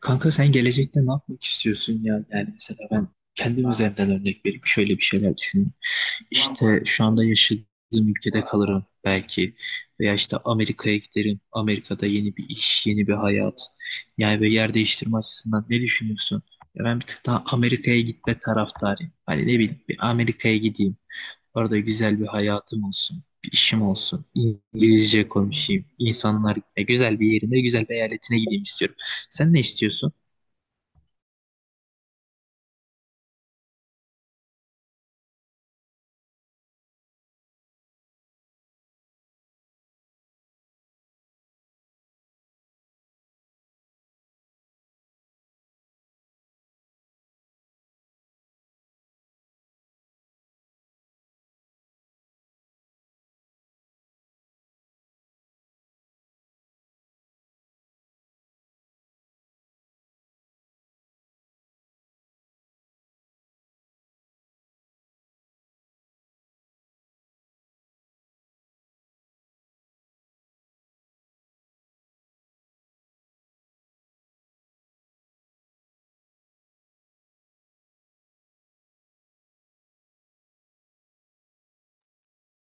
Kanka sen gelecekte ne yapmak istiyorsun ya? Yani mesela ben kendim üzerinden örnek vereyim. Şöyle bir şeyler düşünün. İşte şu anda yaşadığım ülkede kalırım belki. Veya işte Amerika'ya giderim. Amerika'da yeni bir iş, yeni bir hayat. Yani böyle yer değiştirme açısından ne düşünüyorsun? Ya ben bir tık daha Amerika'ya gitme taraftarıyım. Hani ne bileyim bir Amerika'ya gideyim. Orada güzel bir hayatım olsun. Bir işim olsun. İngilizce konuşayım. İnsanlar ya güzel bir yerine, güzel bir eyaletine gideyim istiyorum. Sen ne istiyorsun?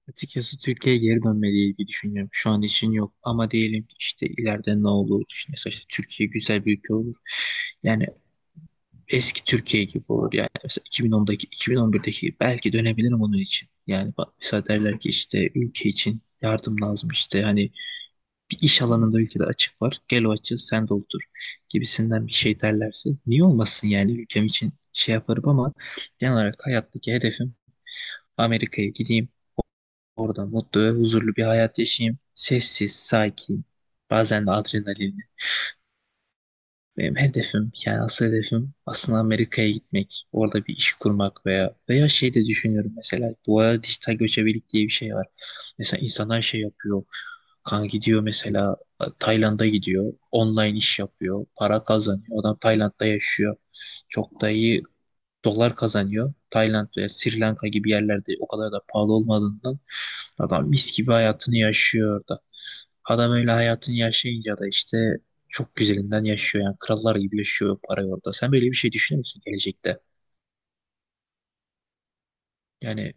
Açıkçası Türkiye'ye geri dönmeliyiz bir düşünüyorum. Şu an için yok ama diyelim ki işte ileride ne olur? İşte mesela işte Türkiye güzel bir ülke olur. Yani eski Türkiye gibi olur yani. Mesela 2010'daki, 2011'deki belki dönebilirim onun için. Yani bak mesela derler ki işte ülke için yardım lazım işte hani bir iş alanında ülkede açık var. Gel o açığı sen doldur gibisinden bir şey derlerse niye olmasın yani ülkem için şey yaparım ama genel olarak hayattaki hedefim Amerika'ya gideyim. Orada mutlu ve huzurlu bir hayat yaşayayım. Sessiz, sakin, bazen de adrenalinli. Benim hedefim, yani asıl hedefim aslında Amerika'ya gitmek. Orada bir iş kurmak veya şey de düşünüyorum mesela. Bu arada dijital göçebelik diye bir şey var. Mesela insanlar şey yapıyor. Kan gidiyor mesela Tayland'a gidiyor. Online iş yapıyor. Para kazanıyor. Adam Tayland'da yaşıyor. Çok da iyi dolar kazanıyor. Tayland ve Sri Lanka gibi yerlerde o kadar da pahalı olmadığından adam mis gibi hayatını yaşıyor orada. Adam öyle hayatını yaşayınca da işte çok güzelinden yaşıyor yani krallar gibi yaşıyor parayı orada. Sen böyle bir şey düşünüyor musun gelecekte? Yani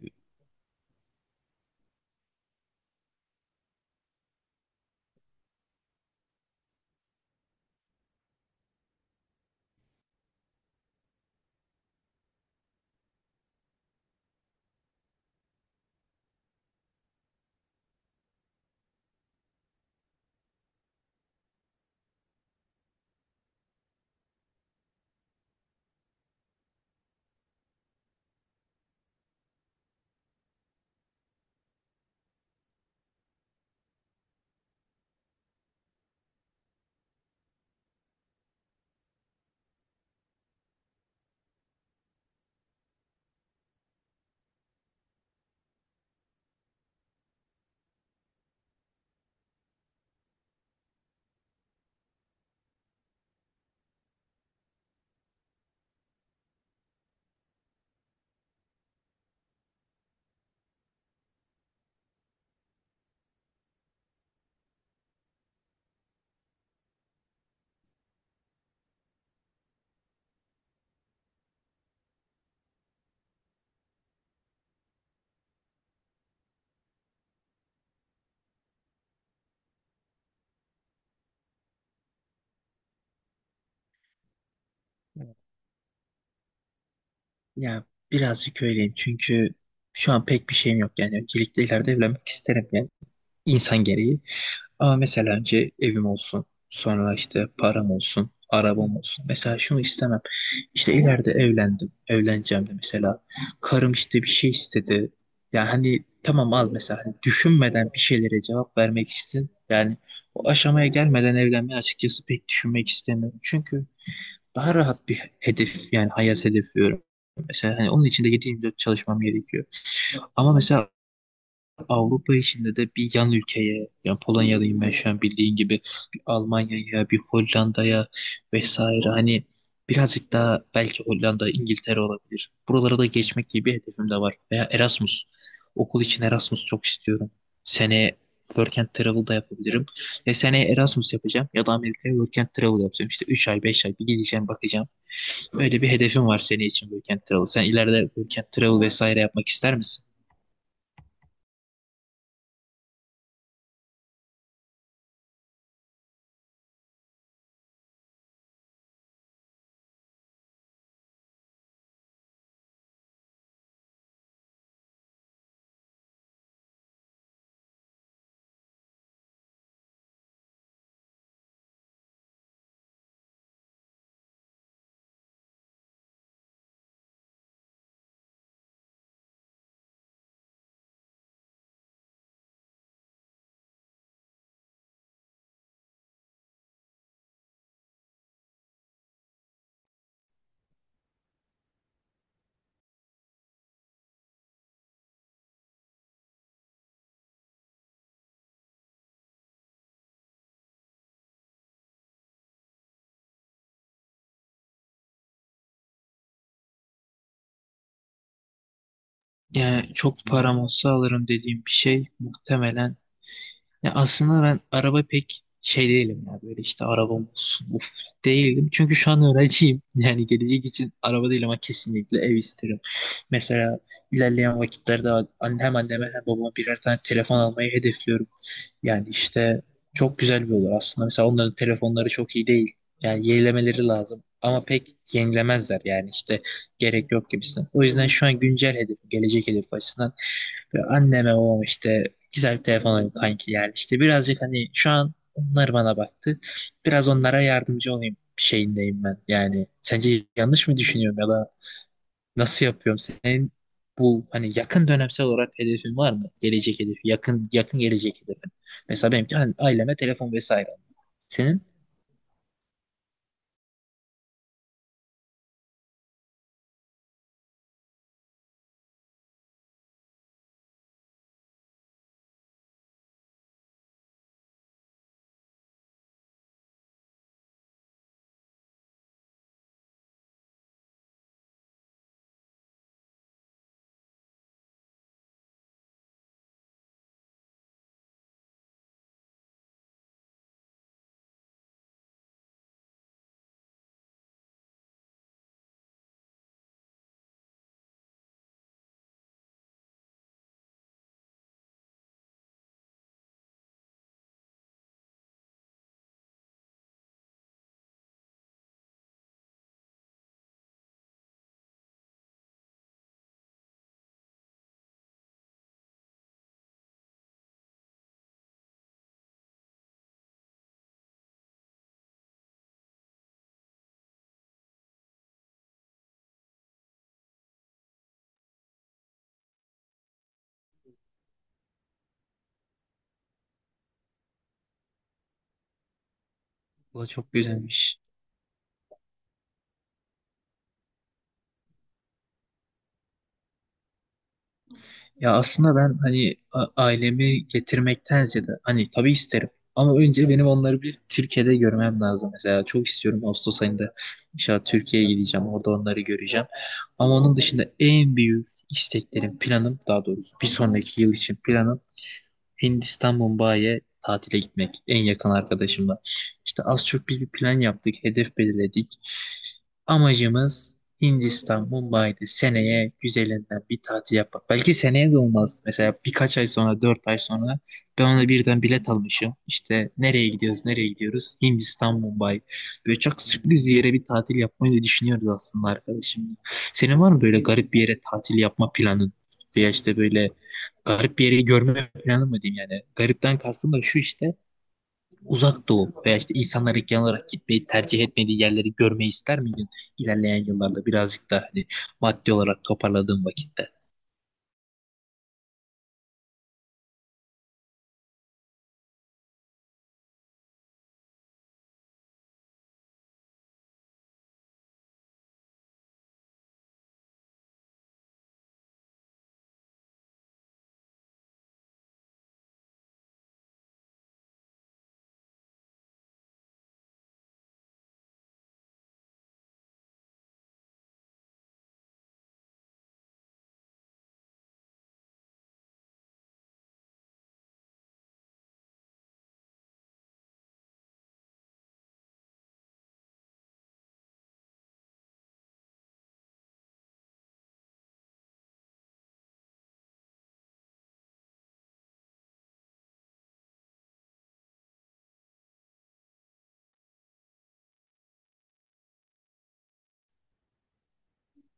ya birazcık öyleyim çünkü şu an pek bir şeyim yok yani öncelikle ileride evlenmek isterim yani insan gereği. Ama mesela önce evim olsun sonra işte param olsun arabam olsun. Mesela şunu istemem. İşte ileride evlendim, evleneceğim de mesela. Karım işte bir şey istedi. Yani hani tamam al mesela. Hani düşünmeden bir şeylere cevap vermek için yani o aşamaya gelmeden evlenmeyi açıkçası pek düşünmek istemiyorum. Çünkü daha rahat bir hedef yani hayat hedefi. Mesela hani onun için de 7-24 çalışmam gerekiyor. Ama mesela Avrupa içinde de bir yan ülkeye, yani Polonya'dayım ben şu an bildiğin gibi, bir Almanya'ya, bir Hollanda'ya vesaire hani birazcık daha belki Hollanda, İngiltere olabilir. Buralara da geçmek gibi bir hedefim de var. Veya Erasmus. Okul için Erasmus çok istiyorum. Seneye Work and Travel da yapabilirim. Ve seneye Erasmus yapacağım ya da Amerika'ya Work and Travel yapacağım. İşte 3 ay, 5 ay bir gideceğim bakacağım. Öyle bir hedefim var senin için Work and Travel. Sen ileride Work and Travel vesaire yapmak ister misin? Yani çok param olsa alırım dediğim bir şey muhtemelen. Ya aslında ben araba pek şey değilim ya böyle işte arabam olsun uf değilim. Çünkü şu an öğrenciyim. Yani gelecek için araba değil ama kesinlikle ev isterim. Mesela ilerleyen vakitlerde hem anneme hem babama birer tane telefon almayı hedefliyorum. Yani işte çok güzel bir olur aslında. Mesela onların telefonları çok iyi değil. Yani yenilemeleri lazım. Ama pek yenilemezler yani işte gerek yok gibisinden. O yüzden şu an güncel hedef, gelecek hedef açısından ve anneme babam işte güzel bir telefon alayım kanki yani işte birazcık hani şu an onlar bana baktı. Biraz onlara yardımcı olayım şeyindeyim ben. Yani sence yanlış mı düşünüyorum ya da nasıl yapıyorum? Senin bu hani yakın dönemsel olarak hedefin var mı? Gelecek hedefi, yakın gelecek hedefin. Mesela benimki hani aileme telefon vesaire. Senin? Bu da çok güzelmiş. Ya aslında ben hani ailemi getirmekten ziyade hani tabii isterim. Ama önce benim onları bir Türkiye'de görmem lazım. Mesela çok istiyorum Ağustos ayında inşallah Türkiye'ye gideceğim. Orada onları göreceğim. Ama onun dışında en büyük isteklerim, planım daha doğrusu bir sonraki yıl için planım Hindistan Mumbai'ye tatile gitmek en yakın arkadaşımla. İşte az çok biz bir plan yaptık, hedef belirledik. Amacımız Hindistan Mumbai'de seneye güzelinden bir tatil yapmak. Belki seneye de olmaz. Mesela birkaç ay sonra, dört ay sonra ben ona birden bilet almışım. İşte nereye gidiyoruz, nereye gidiyoruz? Hindistan Mumbai. Böyle çok sürpriz bir yere bir tatil yapmayı da düşünüyoruz aslında arkadaşımla. Senin var mı böyle garip bir yere tatil yapma planın? Veya işte böyle garip bir yeri görme planı mı diyeyim yani. Garipten kastım da şu işte uzak doğu veya işte insanlar genel olarak gitmeyi tercih etmediği yerleri görmeyi ister miydin ilerleyen yıllarda birazcık da hani maddi olarak toparladığım vakitte?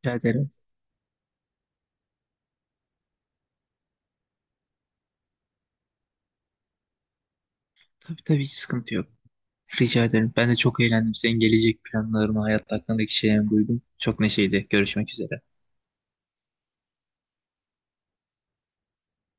Rica ederim. Tabii tabii, hiç sıkıntı yok. Rica ederim. Ben de çok eğlendim. Senin gelecek planlarını, hayat hakkındaki şeylerini duydum. Çok neşeydi. Görüşmek üzere.